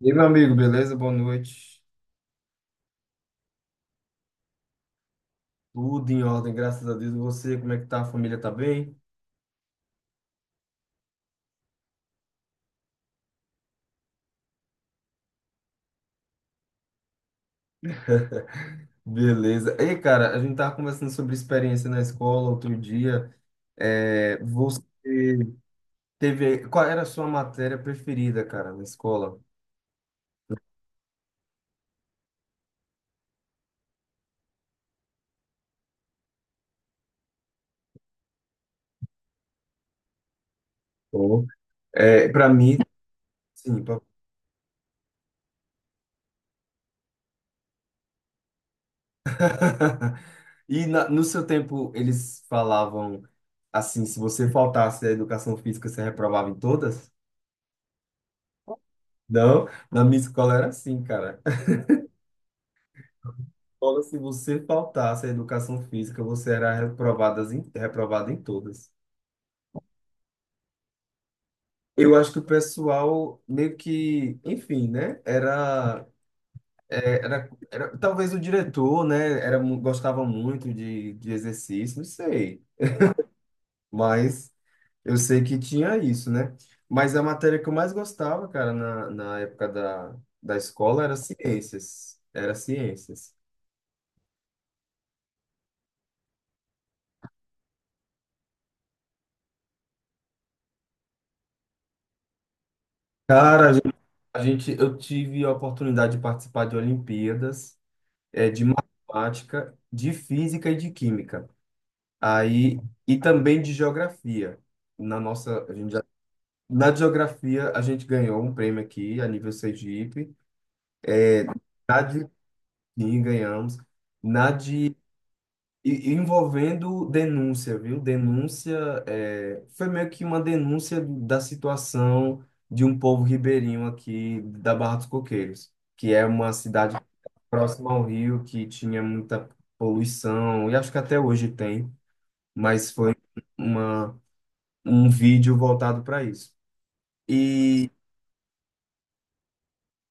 E aí, meu amigo, beleza? Boa noite. Tudo em ordem, graças a Deus. E você, como é que tá? A família tá bem? Beleza. Ei, cara, a gente tava conversando sobre experiência na escola outro dia. É, Qual era a sua matéria preferida, cara, na escola? Pô. É, para mim, sim. E no seu tempo, eles falavam assim, se você faltasse a educação física, você reprovava em todas? Não, na minha escola era assim, cara. Escola, se você faltasse a educação física, você era reprovado em todas. Eu acho que o pessoal meio que, enfim, né? Era talvez o diretor, né? Gostava muito de exercício, não sei. Mas eu sei que tinha isso, né? Mas a matéria que eu mais gostava, cara, na época da escola era ciências. Era ciências. Cara, eu tive a oportunidade de participar de Olimpíadas. É, de matemática, de física e de química. Aí, e também de geografia. Na nossa, a gente já, na de geografia, a gente ganhou um prêmio aqui a nível Sergipe. Na de química, ganhamos. Na de. Envolvendo denúncia, viu? Foi meio que uma denúncia da situação de um povo ribeirinho aqui da Barra dos Coqueiros, que é uma cidade próxima ao rio que tinha muita poluição, e acho que até hoje tem. Mas foi uma, um vídeo voltado para isso. E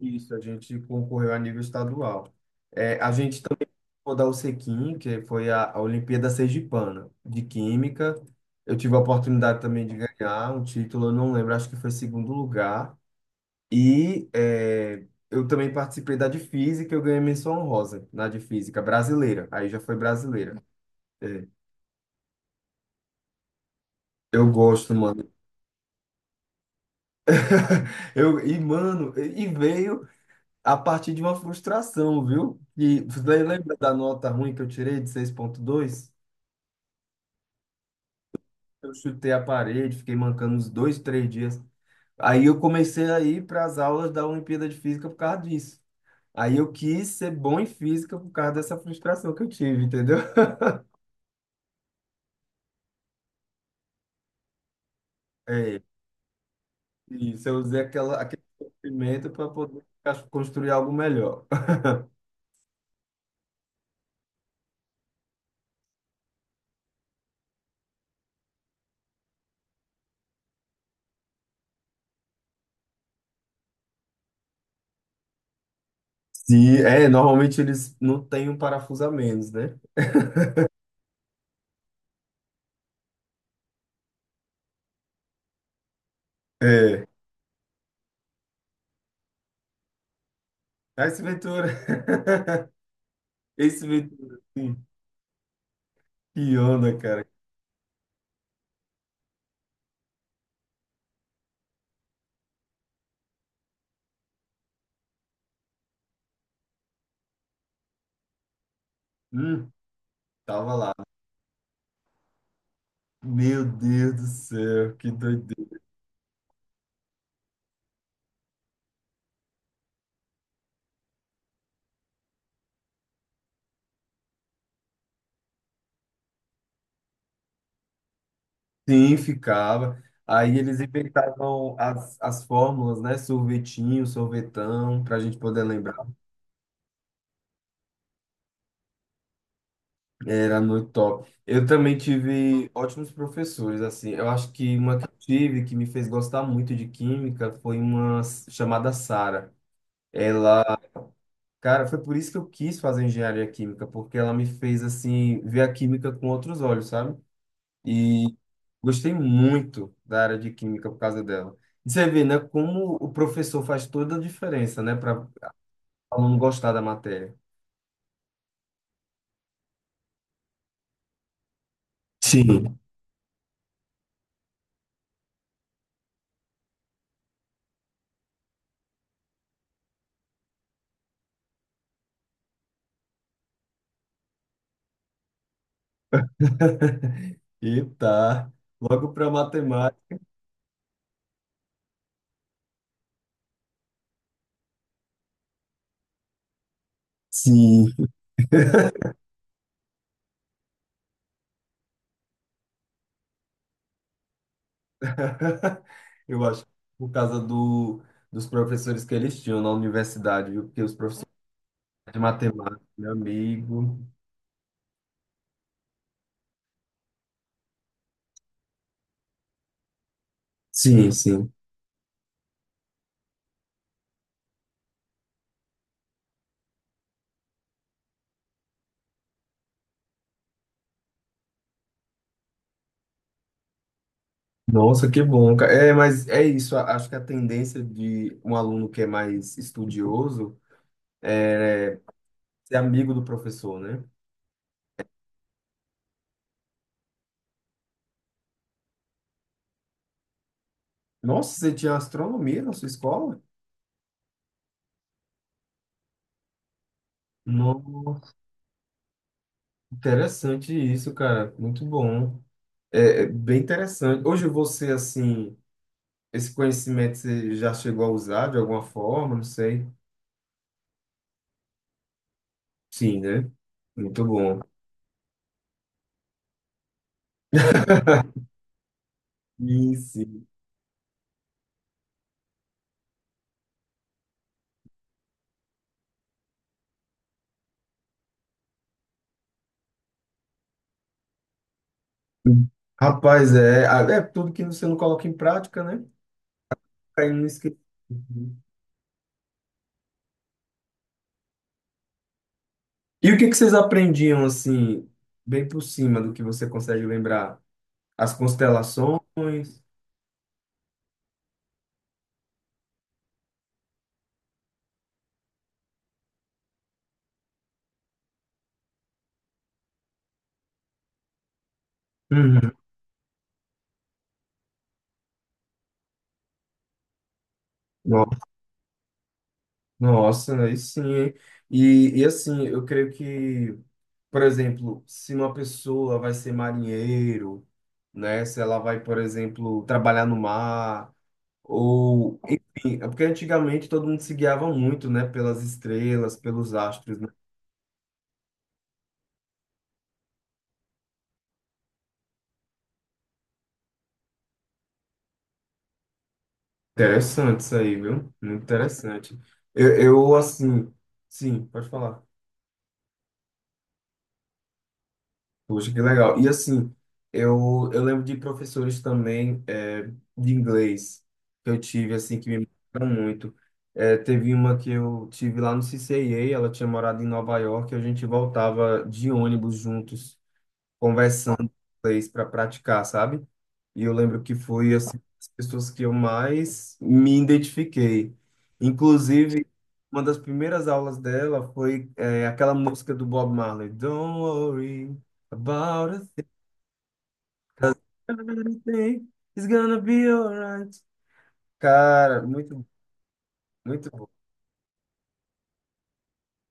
isso, a gente concorreu a nível estadual. É, a gente também rodou o Sequim, que foi a Olimpíada Sergipana de Química. Eu tive a oportunidade também de ganhar um título, eu não lembro, acho que foi segundo lugar. Eu também participei da de Física, eu ganhei menção honrosa na de Física brasileira. Aí já foi brasileira. É, eu gosto, mano. Eu, mano, e veio. A partir de uma frustração, viu? E você lembra da nota ruim que eu tirei de 6,2? Eu chutei a parede, fiquei mancando uns dois, três dias. Aí eu comecei a ir para as aulas da Olimpíada de Física por causa disso. Aí eu quis ser bom em física por causa dessa frustração que eu tive, entendeu? É, isso, eu usei aquele sofrimento para poder construir algo melhor. Sim, é, normalmente eles não têm um parafuso a menos, né? É. Ah, Esse Ventura. Esse Ventura. Sim. Que onda, cara. Hum, tava lá. Meu Deus do céu, que doideira. Sim, ficava. Aí eles inventavam as fórmulas, né? Sorvetinho, sorvetão, pra gente poder lembrar. Era muito top. Eu também tive ótimos professores, assim. Eu acho que uma que eu tive que me fez gostar muito de química foi uma chamada Sara. Ela, cara, foi por isso que eu quis fazer engenharia química, porque ela me fez, assim, ver a química com outros olhos, sabe? e Gostei muito da área de química por causa dela. E você vê, né, como o professor faz toda a diferença, né, para o aluno gostar da matéria. Sim, e tá, logo para matemática, sim. Eu acho, que por causa dos professores que eles tinham na universidade, viu? Porque os professores de matemática, meu amigo. Sim, sim. Nossa, que bom, cara. É, mas é isso. Acho que a tendência de um aluno que é mais estudioso é, ser amigo do professor, né? Nossa, você tinha astronomia na sua escola? Nossa, interessante isso, cara. Muito bom. É, é bem interessante. Hoje você, assim, esse conhecimento você já chegou a usar de alguma forma, não sei. Sim, né? Muito bom. Sim, sim. Rapaz, é tudo que você não coloca em prática, né? Aí não esquece. E o que que vocês aprendiam, assim, bem por cima do que você consegue lembrar? As constelações? Uhum. No- Nossa, aí sim, hein? E assim, eu creio que, por exemplo, se uma pessoa vai ser marinheiro, né? Se ela vai, por exemplo, trabalhar no mar, ou enfim, é porque antigamente todo mundo se guiava muito, né? Pelas estrelas, pelos astros, né? Interessante isso aí, viu? Muito interessante. Eu assim, sim, pode falar. Puxa, que legal. E assim, eu lembro de professores também, de inglês que eu tive, assim, que me marcaram muito. É, teve uma que eu tive lá no CCIA, ela tinha morado em Nova York, e a gente voltava de ônibus juntos conversando em inglês para praticar, sabe? E eu lembro que foi assim, as pessoas que eu mais me identifiquei. Inclusive, uma das primeiras aulas dela foi aquela música do Bob Marley, Don't worry about a thing, 'cause everything is gonna be alright. Cara, muito, muito bom.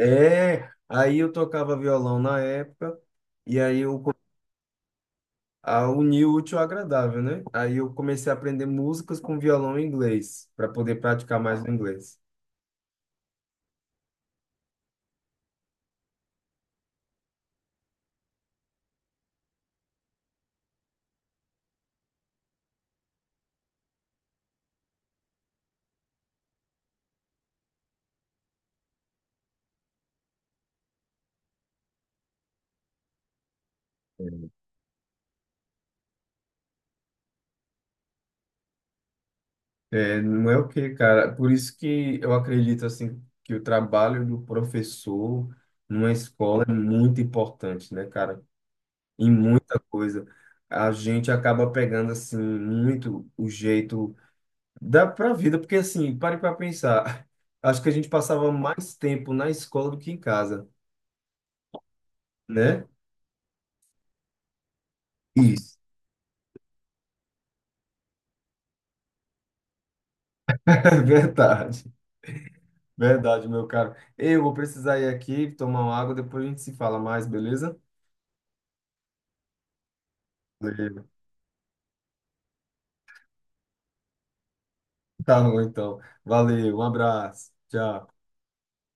É, aí eu tocava violão na época, e aí eu a unir o útil ao agradável, né? Aí eu comecei a aprender músicas com violão em inglês, para poder praticar mais o inglês. É, não é o quê, cara? Por isso que eu acredito, assim, que o trabalho do professor numa escola é muito importante, né, cara? Em muita coisa. A gente acaba pegando, assim, muito o jeito da pra vida, porque, assim, pare para pensar. Acho que a gente passava mais tempo na escola do que em casa, né? Isso. É verdade. Verdade, meu caro. Eu vou precisar ir aqui tomar uma água, depois a gente se fala mais, beleza? Beleza. Tá bom, então. Valeu, um abraço. Tchau.